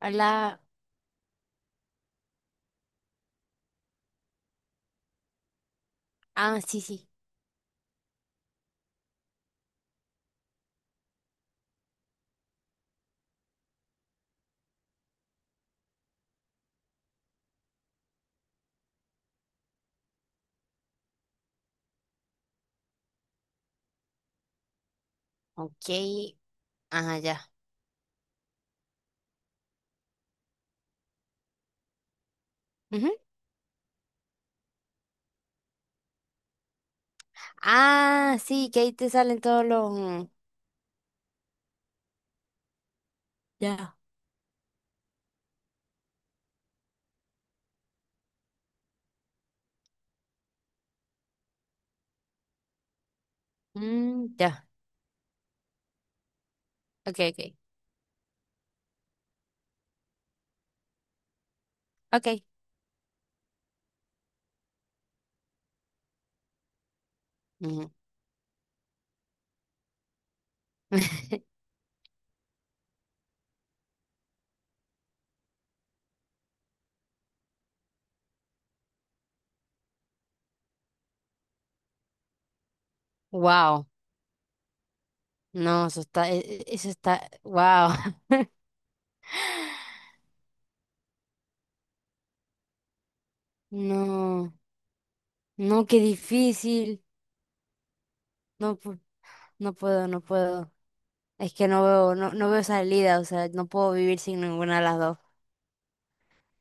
Hola. Ah, sí, sí. Ok. Ah, ya. Ujú. Ah, sí, que ahí te salen todos los... Ya. Mm, ya. Ok, ok. Ok. Ujú. Wow. No, eso está... Eso está... Wow. No. No, qué difícil. No, no puedo, no puedo. Es que no veo, no, no veo salida, o sea, no puedo vivir sin ninguna de las dos.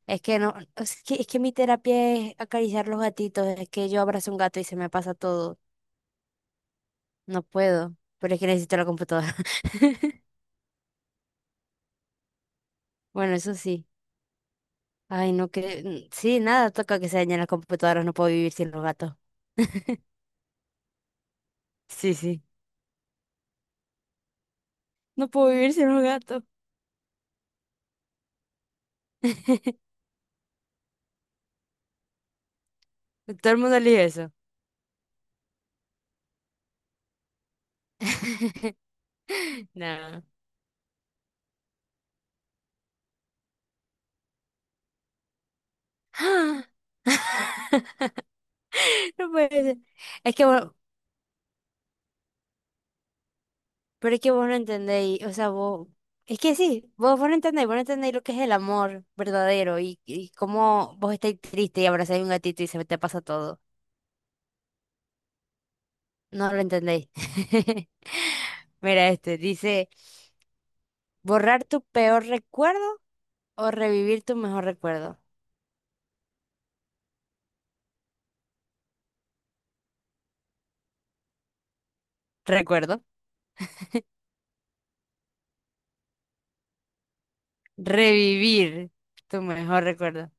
Es que no, es que mi terapia es acariciar los gatitos, es que yo abrazo un gato y se me pasa todo. No puedo, pero es que necesito la computadora. Bueno, eso sí. Ay, no que... Sí, nada, toca que se dañen las computadoras, no puedo vivir sin los gatos. Sí, sí. No puedo vivir sin los gatos. Todo el mundo elige eso. No. ¡Ah! No puede ser. Es que vos, pero es que vos no entendéis, o sea, vos, es que sí, vos no entendéis, vos no entendéis lo que es el amor verdadero y cómo vos estáis triste y abrazáis un gatito y se te pasa todo. No lo entendéis. Mira este, dice, borrar tu peor recuerdo o revivir tu mejor recuerdo. Recuerdo. Revivir tu mejor recuerdo.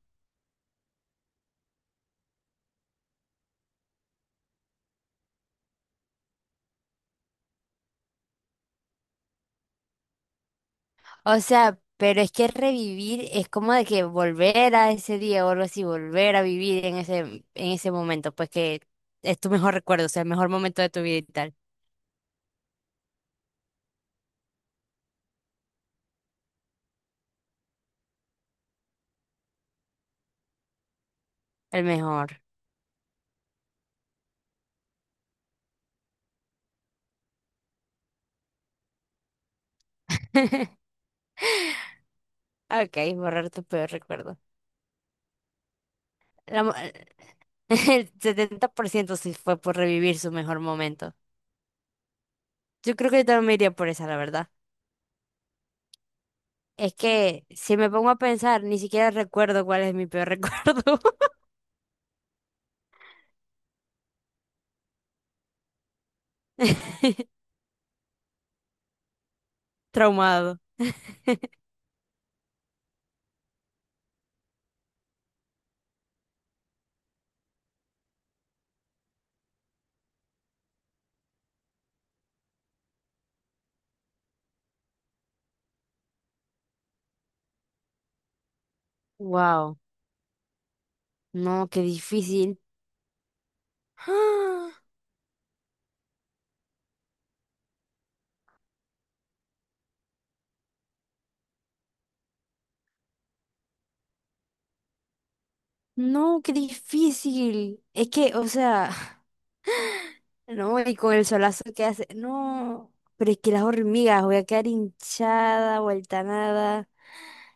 O sea, pero es que revivir es como de que volver a ese día o algo así, volver a vivir en ese momento, pues que es tu mejor recuerdo, o sea, el mejor momento de tu vida y tal. El mejor. Ok, borrar tu peor recuerdo. El 70% sí fue por revivir su mejor momento. Yo creo que yo también me iría por esa, la verdad. Es que si me pongo a pensar, ni siquiera recuerdo cuál es mi peor recuerdo. Traumado. Wow. No, qué difícil. ¡Ah! No, qué difícil. Es que, o sea, no, y con el solazo que hace. No, pero es que las hormigas, voy a quedar hinchada, vuelta a nada.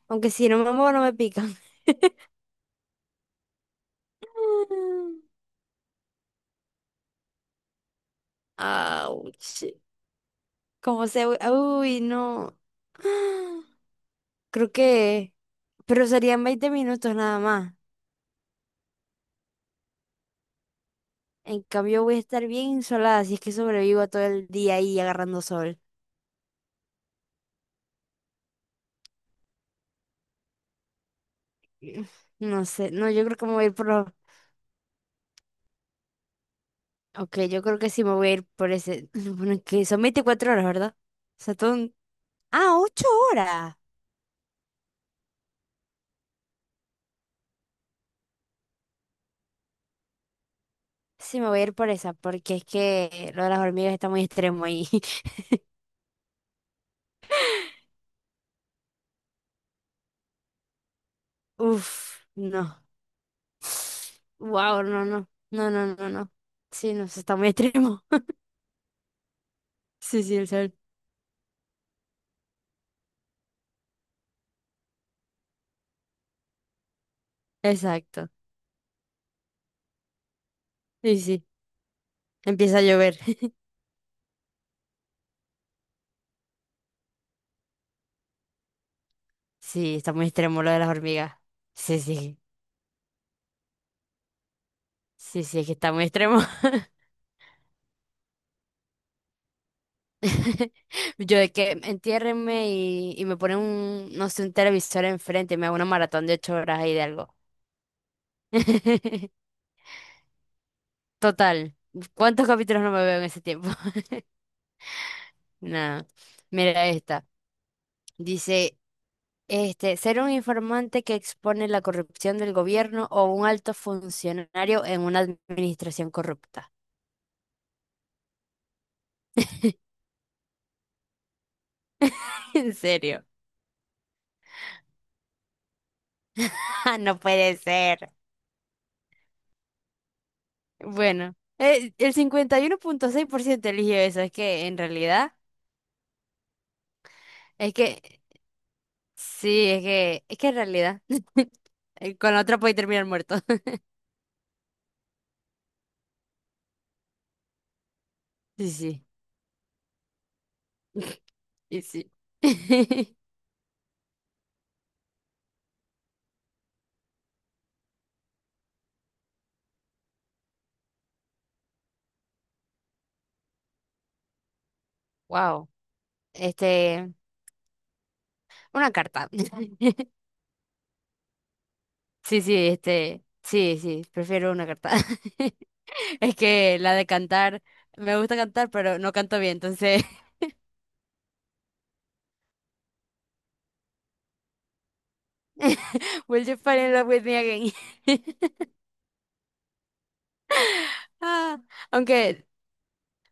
Aunque si no me muevo, no me pican. Ouch. Como se... Uy, no. Creo que... Pero serían 20 minutos nada más. En cambio voy a estar bien insolada si es que sobrevivo todo el día ahí agarrando sol. No sé, no, yo creo que me voy a ir por los... Ok, yo creo que sí me voy a ir por ese... Bueno, que son 24 horas, ¿verdad? O sea, todo un... Ah, 8 horas. Sí, me voy a ir por esa, porque es que lo de las hormigas está muy extremo ahí. Uf, no. Wow, no, no, no, no, no, no. Sí, no, eso está muy extremo. Sí, sí, el sol. Exacto. Sí, sí. Empieza a llover. Sí, está muy extremo lo de las hormigas. Sí, sí. Sí, sí, es que está muy extremo. Yo de que entiérrenme y me ponen un, no sé, un televisor enfrente y me hago una maratón de 8 horas ahí de algo. Total. ¿Cuántos capítulos no me veo en ese tiempo? Nada. Mira esta. Dice. Este, ser un informante que expone la corrupción del gobierno o un alto funcionario en una administración corrupta. ¿En serio? Ah, no puede ser. Bueno, el 51,6% eligió eso. Es que en realidad, es que, sí, es que en realidad, con la otra puede terminar muerto. Sí, sí, y sí. Wow. Este, una carta. Sí, sí, este, sí, sí, prefiero una carta. Es que la de cantar, me gusta cantar, pero no canto bien, entonces, Will you fall in love with me again? Ah, aunque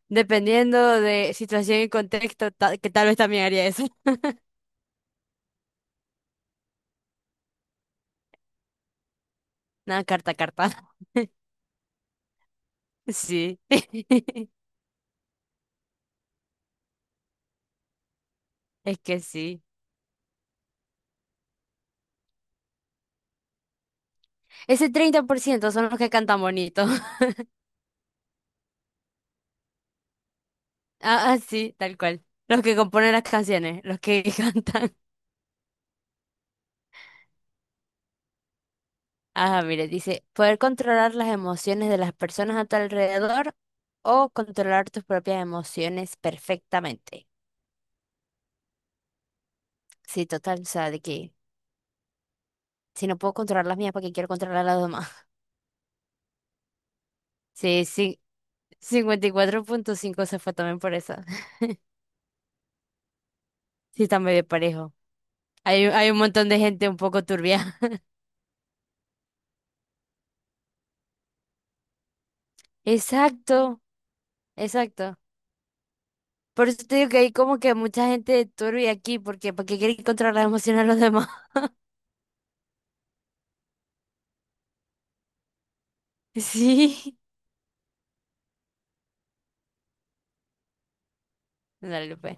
dependiendo de situación y contexto, que tal vez también haría eso. Nada, carta, carta. Sí. Es que sí. Ese 30% son los que cantan bonito. Ah, ah, sí, tal cual. Los que componen las canciones, los que cantan. Ajá, mire, dice, poder controlar las emociones de las personas a tu alrededor o controlar tus propias emociones perfectamente. Sí, total, o sea, de que si no puedo controlar las mías, ¿para qué quiero controlar las demás? Sí, sí, 54,5 se fue también por eso. Sí, está medio parejo. Hay un montón de gente un poco turbia. Exacto, exacto. Por eso te digo que hay como que mucha gente turbia aquí, porque ¿para qué quiere controlar las emociones de los demás? Sí. Dale, pues.